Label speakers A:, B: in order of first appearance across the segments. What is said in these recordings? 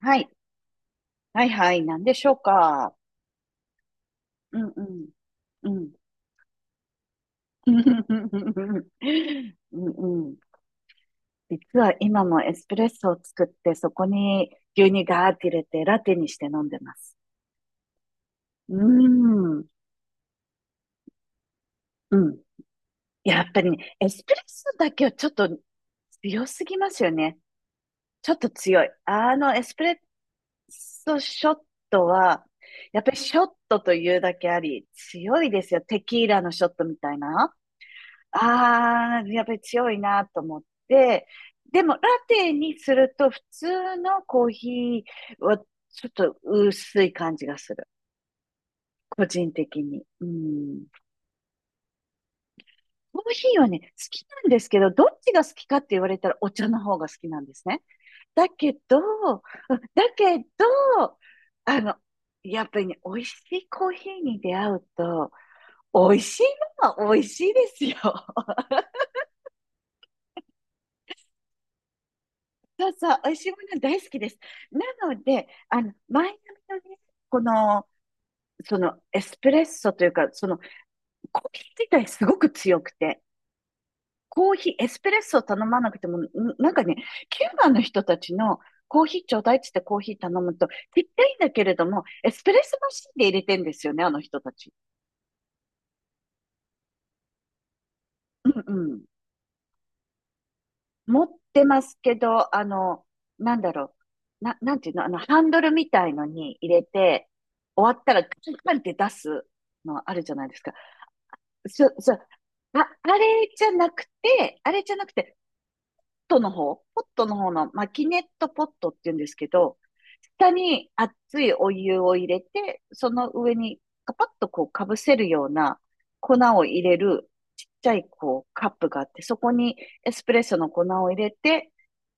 A: はい。はいはい。何でしょうか。うんうん。うん。うんうん。実は今もエスプレッソを作って、そこに牛乳ガーって入れて、ラテにして飲んでます。うん。うん。やっぱりね、エスプレッソだけはちょっと強すぎますよね。ちょっと強い。エスプレッソショットは、やっぱりショットというだけあり、強いですよ。テキーラのショットみたいな。ああ、やっぱり強いなと思って、でもラテにすると普通のコーヒーはちょっと薄い感じがする。個人的に。うん。コーヒーはね、好きなんですけど、どっちが好きかって言われたらお茶の方が好きなんですね。だけど、だけど、あの、やっぱりね、美味しいコーヒーに出会うと、美味しいのは美味しいですよ。そうそう、美味しいもの大好きです。なので、マイアミのね、この、そのエスプレッソというか、そのコーヒー自体すごく強くて、コーヒー、エスプレッソを頼まなくても、なんかね、キューバの人たちのコーヒーちょうだいっつってコーヒー頼むと、ちっちゃいんだけれども、エスプレッソマシンで入れてんですよね、あの人たち。うん持ってますけど、なんだろう。なんていうの、ハンドルみたいのに入れて、終わったらカンカンって出すのあるじゃないですか。そ、そ、あ、あれじゃなくて、ポットの方のマキネットポットって言うんですけど、下に熱いお湯を入れて、その上にカパッとこうかぶせるような粉を入れるちっちゃいこうカップがあって、そこにエスプレッソの粉を入れて、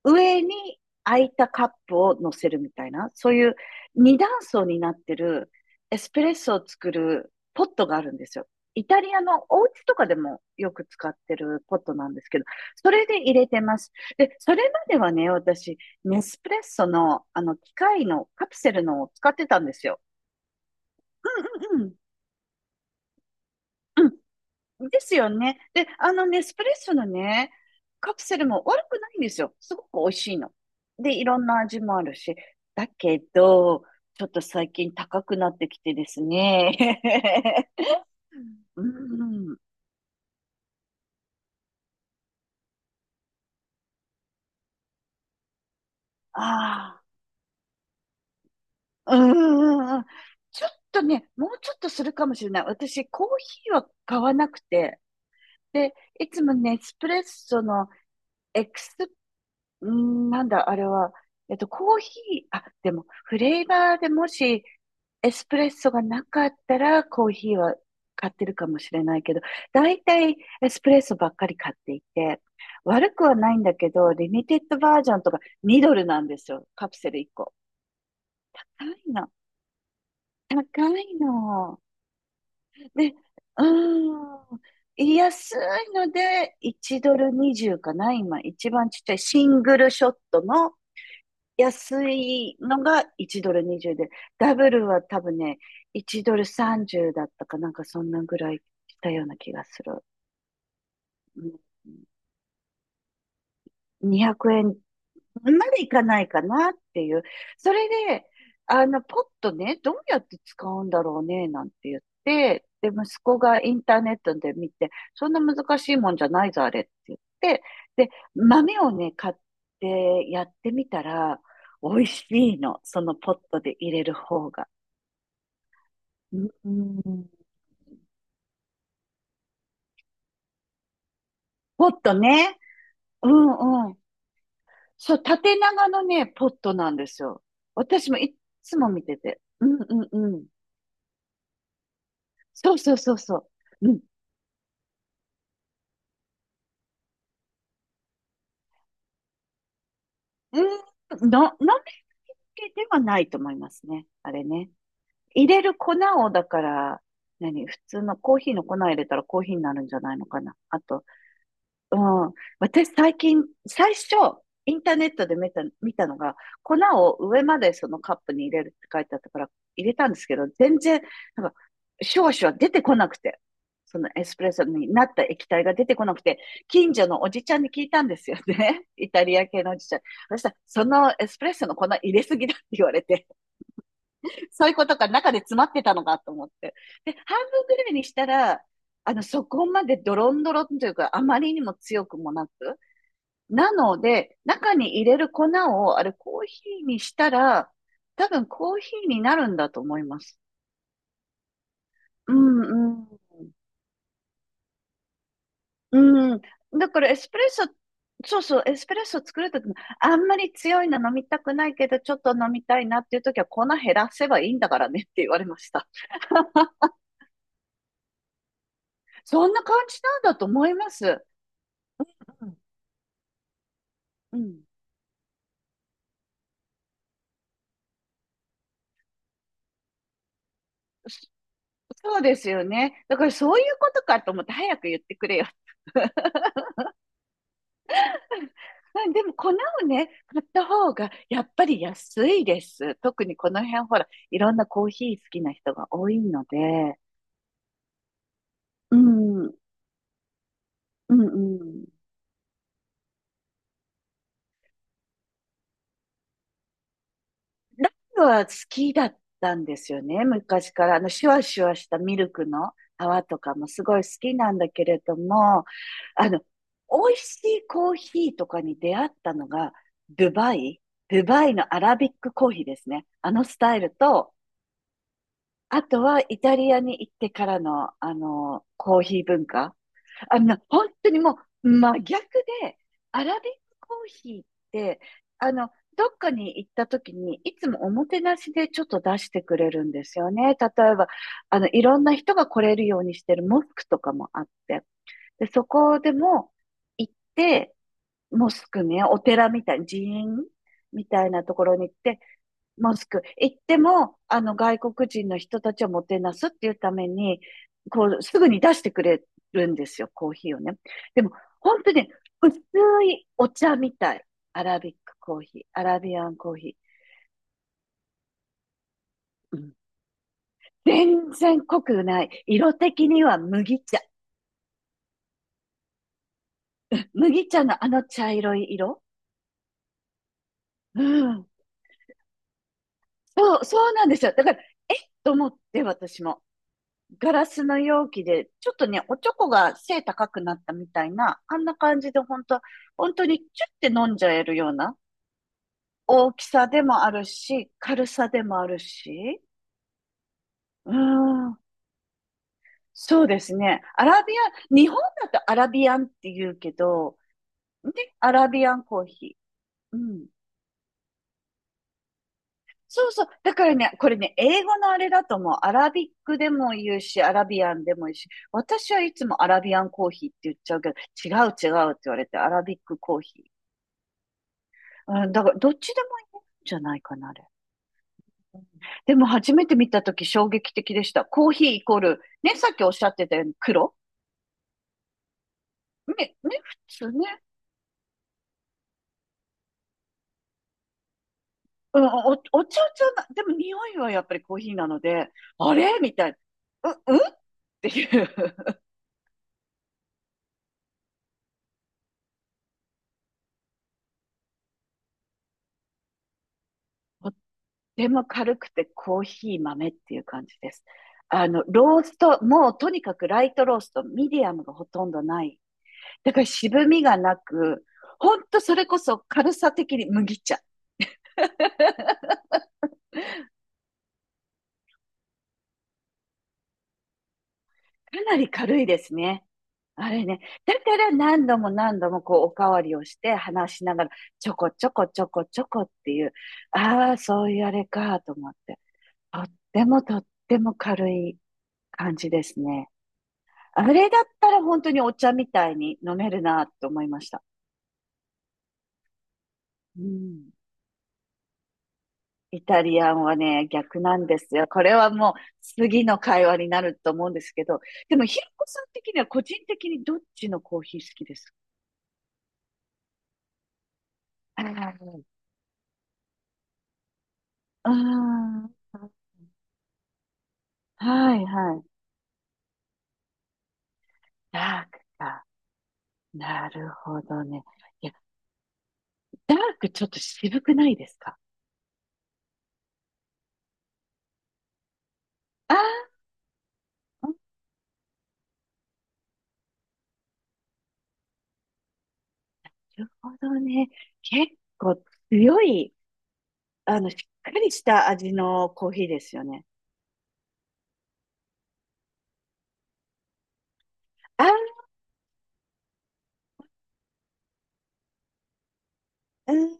A: 上に空いたカップを乗せるみたいな、そういう二段層になってるエスプレッソを作るポットがあるんですよ。イタリアのお家とかでもよく使ってるポットなんですけど、それで入れてます。で、それまではね、私、ネスプレッソの、機械のカプセルのを使ってたんですよ。うんうんうん。うん。ですよね。で、ネスプレッソのね、カプセルも悪くないんですよ。すごく美味しいの。で、いろんな味もあるし。だけど、ちょっと最近高くなってきてですね。うんうん。ああ。うんうんうん。ちょっとね、もうちょっとするかもしれない。私、コーヒーは買わなくて、で、いつもネスプレッソのエクス、んーなんだ、あれは、コーヒー、あ、でも、フレーバーでもし、エスプレッソがなかったら、コーヒーは買ってるかもしれないけど、だいたいエスプレッソばっかり買っていて、悪くはないんだけど、リミテッドバージョンとか2ドルなんですよ。カプセル1個。高いの。高いの。で、うーん。安いので、1ドル20かな今、一番ちっちゃいシングルショットの安いのが1ドル20で、ダブルは多分ね、1ドル30だったかなんかそんなぐらいしたような気がする。うん2 0円そんまでいかないかなっていう。それで、ポットね、どうやって使うんだろうね、なんて言って、で、息子がインターネットで見て、そんな難しいもんじゃないぞ、あれって言って、で、豆をね、買ってやってみたら、美味しいの。そのポットで入れる方が。うんポットね。うんうん。そう、縦長のね、ポットなんですよ。私もいっつも見てて。うんうんうん。そうそうそうそう。うん。うん、のりけではないと思いますね。あれね。入れる粉を、だから、普通のコーヒーの粉入れたらコーヒーになるんじゃないのかな。あとうん、私最初、インターネットで見たのが、粉を上までそのカップに入れるって書いてあったから、入れたんですけど、全然、なんか、少々出てこなくて、そのエスプレッソになった液体が出てこなくて、近所のおじちゃんに聞いたんですよね。イタリア系のおじちゃん。そしたら、そのエスプレッソの粉入れすぎだって言われて、そういうことか中で詰まってたのかと思って。で、半分ぐらいにしたら、そこまでドロンドロンというか、あまりにも強くもなく、なので、中に入れる粉を、あれ、コーヒーにしたら、多分コーヒーになるんだと思います。うんうん。うん。だからエスプレッソ、そうそう、エスプレッソ作るときも、あんまり強いの飲みたくないけど、ちょっと飲みたいなっていうときは、粉減らせばいいんだからねって言われました。そんな感じなんだと思います。うん。うん。そそうですよね。だからそういうことかと思って、早く言ってくれよまでも粉をね、買った方がやっぱり安いです。特にこの辺ほら、いろんなコーヒー好きな人が多いので、うん、うん、うん。ラムは好きだったんですよね、昔から。シュワシュワしたミルクの泡とかもすごい好きなんだけれども、あの、美味しいコーヒーとかに出会ったのが、ドゥバイ、ドゥバイのアラビックコーヒーですね。あのスタイルと、あとは、イタリアに行ってからの、コーヒー文化。本当にもう、真逆で、アラビックコーヒーって、あの、どっかに行った時に、いつもおもてなしでちょっと出してくれるんですよね。例えば、いろんな人が来れるようにしてるモスクとかもあって。で、そこでも行って、モスクね、お寺みたい、寺院みたいなところに行って、モスク。行っても、外国人の人たちをもてなすっていうために、こう、すぐに出してくれるんですよ、コーヒーをね。でも、本当にね薄いお茶みたい。アラビックコーヒー、アラビアンコーヒー。うん全然濃くない。色的には麦茶。麦茶のあの茶色い色。うん。そう、そうなんですよ。だから、えっと思って、私も。ガラスの容器で、ちょっとね、おちょこが背高くなったみたいな、あんな感じで本当、本当にチュッて飲んじゃえるような大きさでもあるし、軽さでもあるし、うーん、そうですね。アラビアン、日本だとアラビアンって言うけど、ね、アラビアンコーヒー。うん。そうそう。だからね、これね、英語のあれだともう、アラビックでも言うし、アラビアンでもいいし、私はいつもアラビアンコーヒーって言っちゃうけど、違う違うって言われて、アラビックコーヒー。うん、だから、どっちでもいいんじゃないかな、あれ。うんでも、初めて見たとき衝撃的でした。コーヒーイコール、ね、さっきおっしゃってたように黒ね、普通ね。うん、お茶じゃな、でも匂いはやっぱりコーヒーなので、あれみたいな。うんっていう。でも軽くてコーヒー豆っていう感じです。ロースト、もうとにかくライトロースト、ミディアムがほとんどない。だから渋みがなく、ほんとそれこそ軽さ的に麦茶。かなり軽いですね。あれね。だから何度も何度もこうおかわりをして話しながら、ちょこちょこちょこちょこっていう、ああ、そういうあれかと思って。とってもとっても軽い感じですね。あれだったら本当にお茶みたいに飲めるなと思いました。うん。イタリアンはね、逆なんですよ。これはもう次の会話になると思うんですけど、でもひろこさん的には個人的にどっちのコーヒー好きですか？ああー、はいはい。ダークか。なるほどね。いや、ダークちょっと渋くないですか？ああなるほどね。結構強い、しっかりした味のコーヒーですよね。あ、うん、